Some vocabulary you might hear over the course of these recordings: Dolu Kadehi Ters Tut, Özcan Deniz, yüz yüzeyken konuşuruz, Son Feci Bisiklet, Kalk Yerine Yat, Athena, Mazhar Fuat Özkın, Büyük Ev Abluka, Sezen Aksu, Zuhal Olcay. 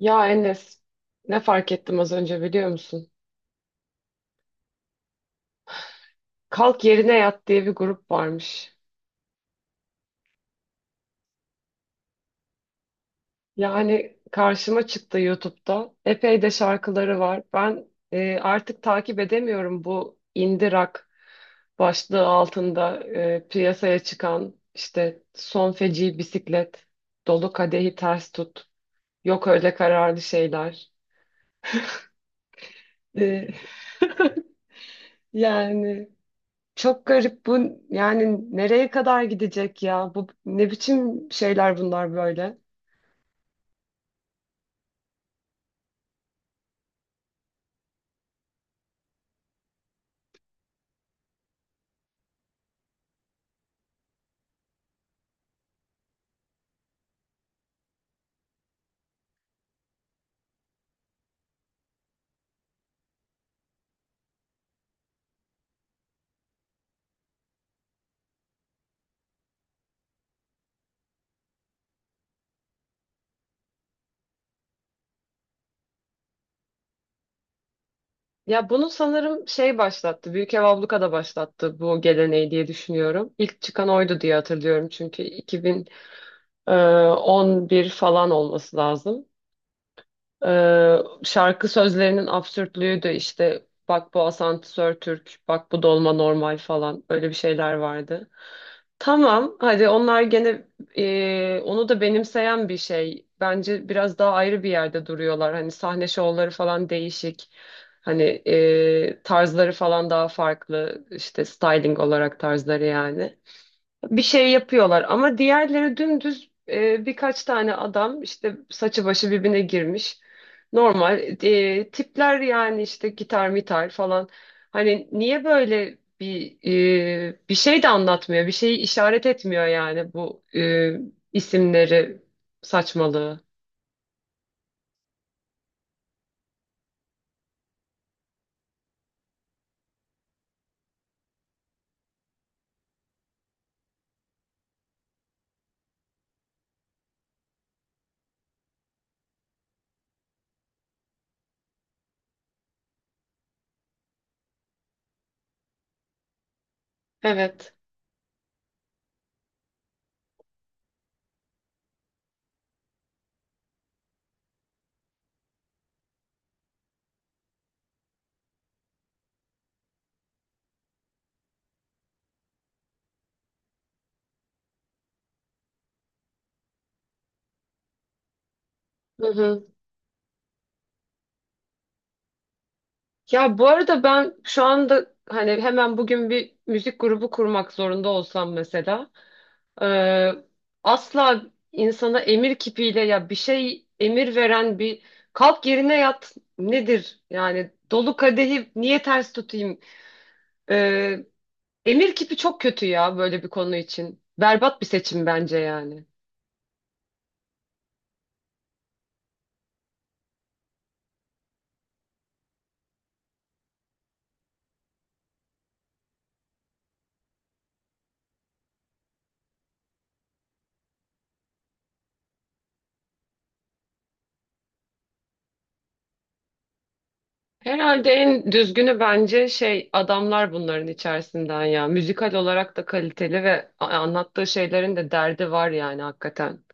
Ya Enes, ne fark ettim az önce biliyor musun? Kalk Yerine Yat diye bir grup varmış. Yani karşıma çıktı YouTube'da. Epey de şarkıları var. Ben artık takip edemiyorum bu indie rock başlığı altında piyasaya çıkan işte Son Feci Bisiklet, Dolu Kadehi Ters Tut, Yok Öyle Kararlı Şeyler. E, yani çok garip bu yani nereye kadar gidecek ya? Bu ne biçim şeyler bunlar böyle? Ya bunu sanırım şey başlattı. Büyük Ev Abluka da başlattı bu geleneği diye düşünüyorum. İlk çıkan oydu diye hatırlıyorum çünkü 2011 falan olması lazım. Ee, Şarkı sözlerinin absürtlüğü de işte bak bu asansör Türk, bak bu dolma normal falan öyle bir şeyler vardı. Tamam, hadi onlar gene onu da benimseyen bir şey. Bence biraz daha ayrı bir yerde duruyorlar. Hani sahne şovları falan değişik. Hani tarzları falan daha farklı. İşte styling olarak tarzları yani bir şey yapıyorlar ama diğerleri dümdüz birkaç tane adam işte saçı başı birbirine girmiş. Normal tipler yani işte gitar mitar falan. Hani niye böyle bir şey de anlatmıyor, bir şeyi işaret etmiyor yani bu isimleri saçmalığı. Evet. Hı hı. Ya bu arada ben şu anda hani hemen bugün bir müzik grubu kurmak zorunda olsam mesela Ee, asla insana emir kipiyle ya bir şey emir veren bir kalk yerine yat nedir? Yani dolu kadehi niye ters tutayım? Ee, Emir kipi çok kötü ya böyle bir konu için. Berbat bir seçim bence yani. Herhalde en düzgünü bence şey adamlar bunların içerisinden ya. Müzikal olarak da kaliteli ve anlattığı şeylerin de derdi var yani hakikaten.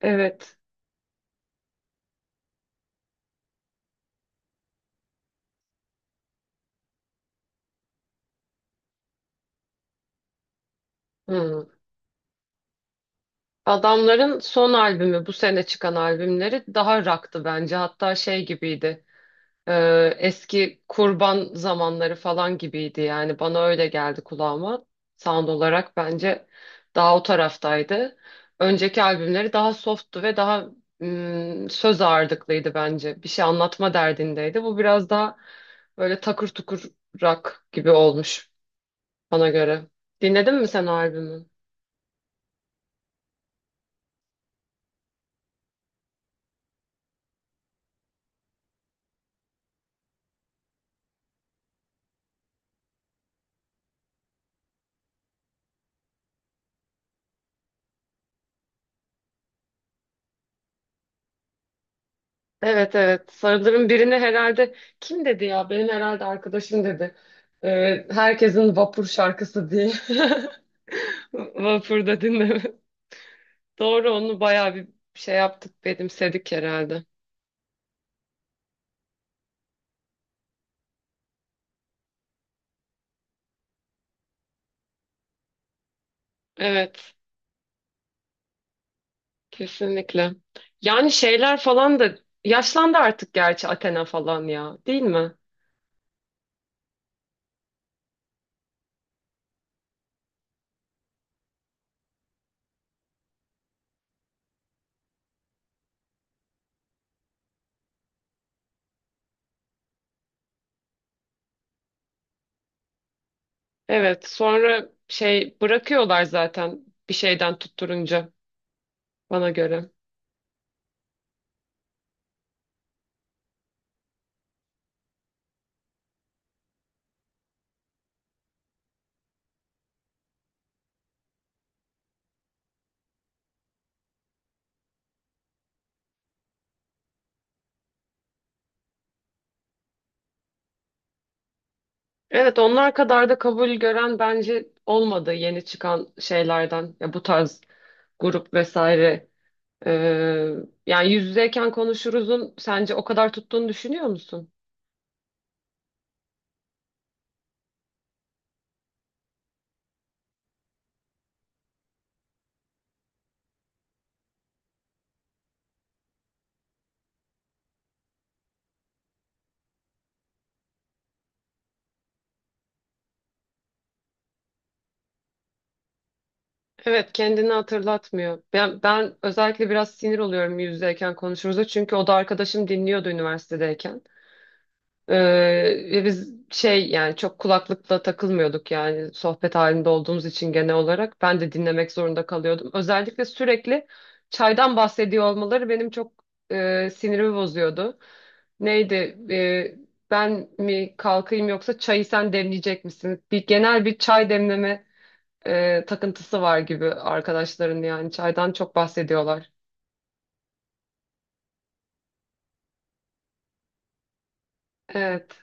Evet. Hmm. Adamların son albümü bu sene çıkan albümleri daha rock'tı bence. Hatta şey gibiydi. Eski kurban zamanları falan gibiydi yani bana öyle geldi kulağıma. Sound olarak bence daha o taraftaydı. Önceki albümleri daha softtu ve daha söz ağırlıklıydı bence. Bir şey anlatma derdindeydi. Bu biraz daha böyle takır tukur rock gibi olmuş bana göre. Dinledin mi sen o albümü? Evet, evet. Sarıların birini herhalde kim dedi ya? Benim herhalde arkadaşım dedi. Herkesin vapur şarkısı diye. Vapurda dinleme. Doğru onu bayağı bir şey yaptık, benimsedik herhalde. Evet, kesinlikle. Yani şeyler falan da yaşlandı artık gerçi Athena falan ya, değil mi? Evet, sonra şey bırakıyorlar zaten bir şeyden tutturunca bana göre. Evet, onlar kadar da kabul gören bence olmadı yeni çıkan şeylerden. Ya bu tarz grup vesaire. Ee, Yani yüz yüzeyken konuşuruzun sence o kadar tuttuğunu düşünüyor musun? Evet, kendini hatırlatmıyor. Ben özellikle biraz sinir oluyorum yüz yüzeyken konuşuruz çünkü o da arkadaşım dinliyordu üniversitedeyken. Ee, Ve biz şey yani çok kulaklıkla takılmıyorduk yani sohbet halinde olduğumuz için genel olarak ben de dinlemek zorunda kalıyordum. Özellikle sürekli çaydan bahsediyor olmaları benim çok sinirimi bozuyordu. Neydi e, ben mi kalkayım yoksa çayı sen demleyecek misin? Bir genel bir çay demleme takıntısı var gibi arkadaşların yani çaydan çok bahsediyorlar. Evet.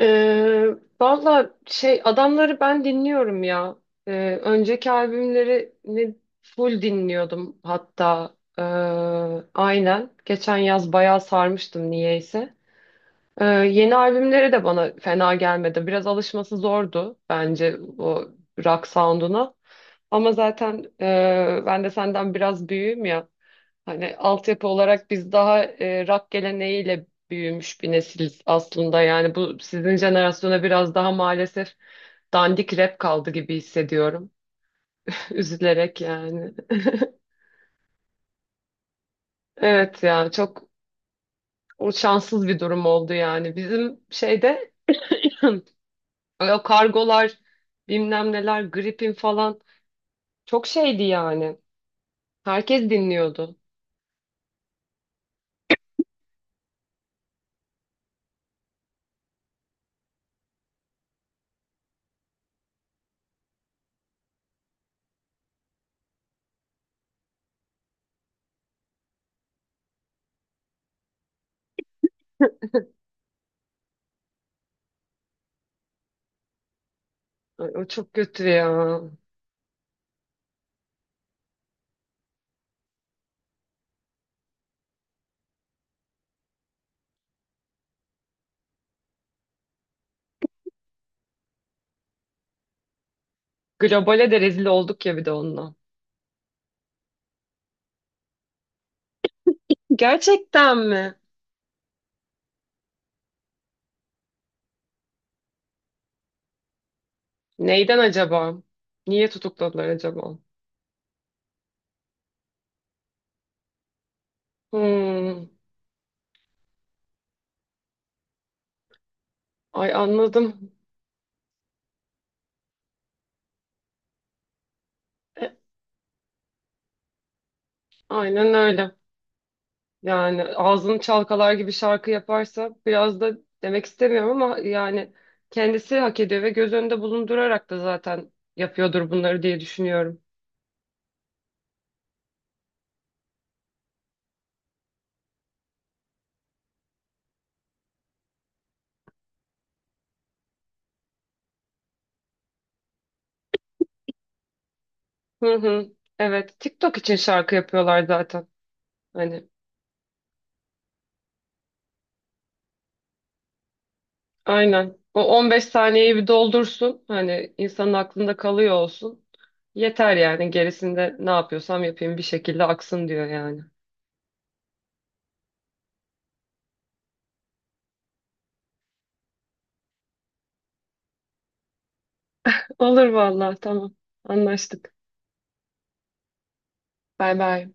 Ee, Valla şey adamları ben dinliyorum ya. Önceki albümlerini full dinliyordum hatta. Aynen. Geçen yaz bayağı sarmıştım niyeyse. Yeni albümleri de bana fena gelmedi. Biraz alışması zordu bence o rock sound'una. Ama zaten ben de senden biraz büyüğüm ya. Hani altyapı olarak biz daha rock geleneğiyle büyümüş bir nesiliz aslında. Yani bu sizin jenerasyona biraz daha maalesef dandik rap kaldı gibi hissediyorum. Üzülerek yani. Evet ya çok o şanssız bir durum oldu yani. Bizim şeyde o kargolar bilmem neler gripin falan çok şeydi yani. Herkes dinliyordu. Ay, o çok kötü ya. Globale de rezil olduk ya bir de onunla. Gerçekten mi? Neyden acaba? Niye tutukladılar acaba? Hmm. Ay, anladım. E, aynen öyle. Yani ağzını çalkalar gibi şarkı yaparsa biraz da demek istemiyorum ama yani kendisi hak ediyor ve göz önünde bulundurarak da zaten yapıyordur bunları diye düşünüyorum. Hı hı. Evet, TikTok için şarkı yapıyorlar zaten. Hani aynen. O 15 saniyeyi bir doldursun. Hani insanın aklında kalıyor olsun. Yeter yani. Gerisinde ne yapıyorsam yapayım bir şekilde aksın diyor yani. Olur vallahi, tamam. Anlaştık. Bay bay.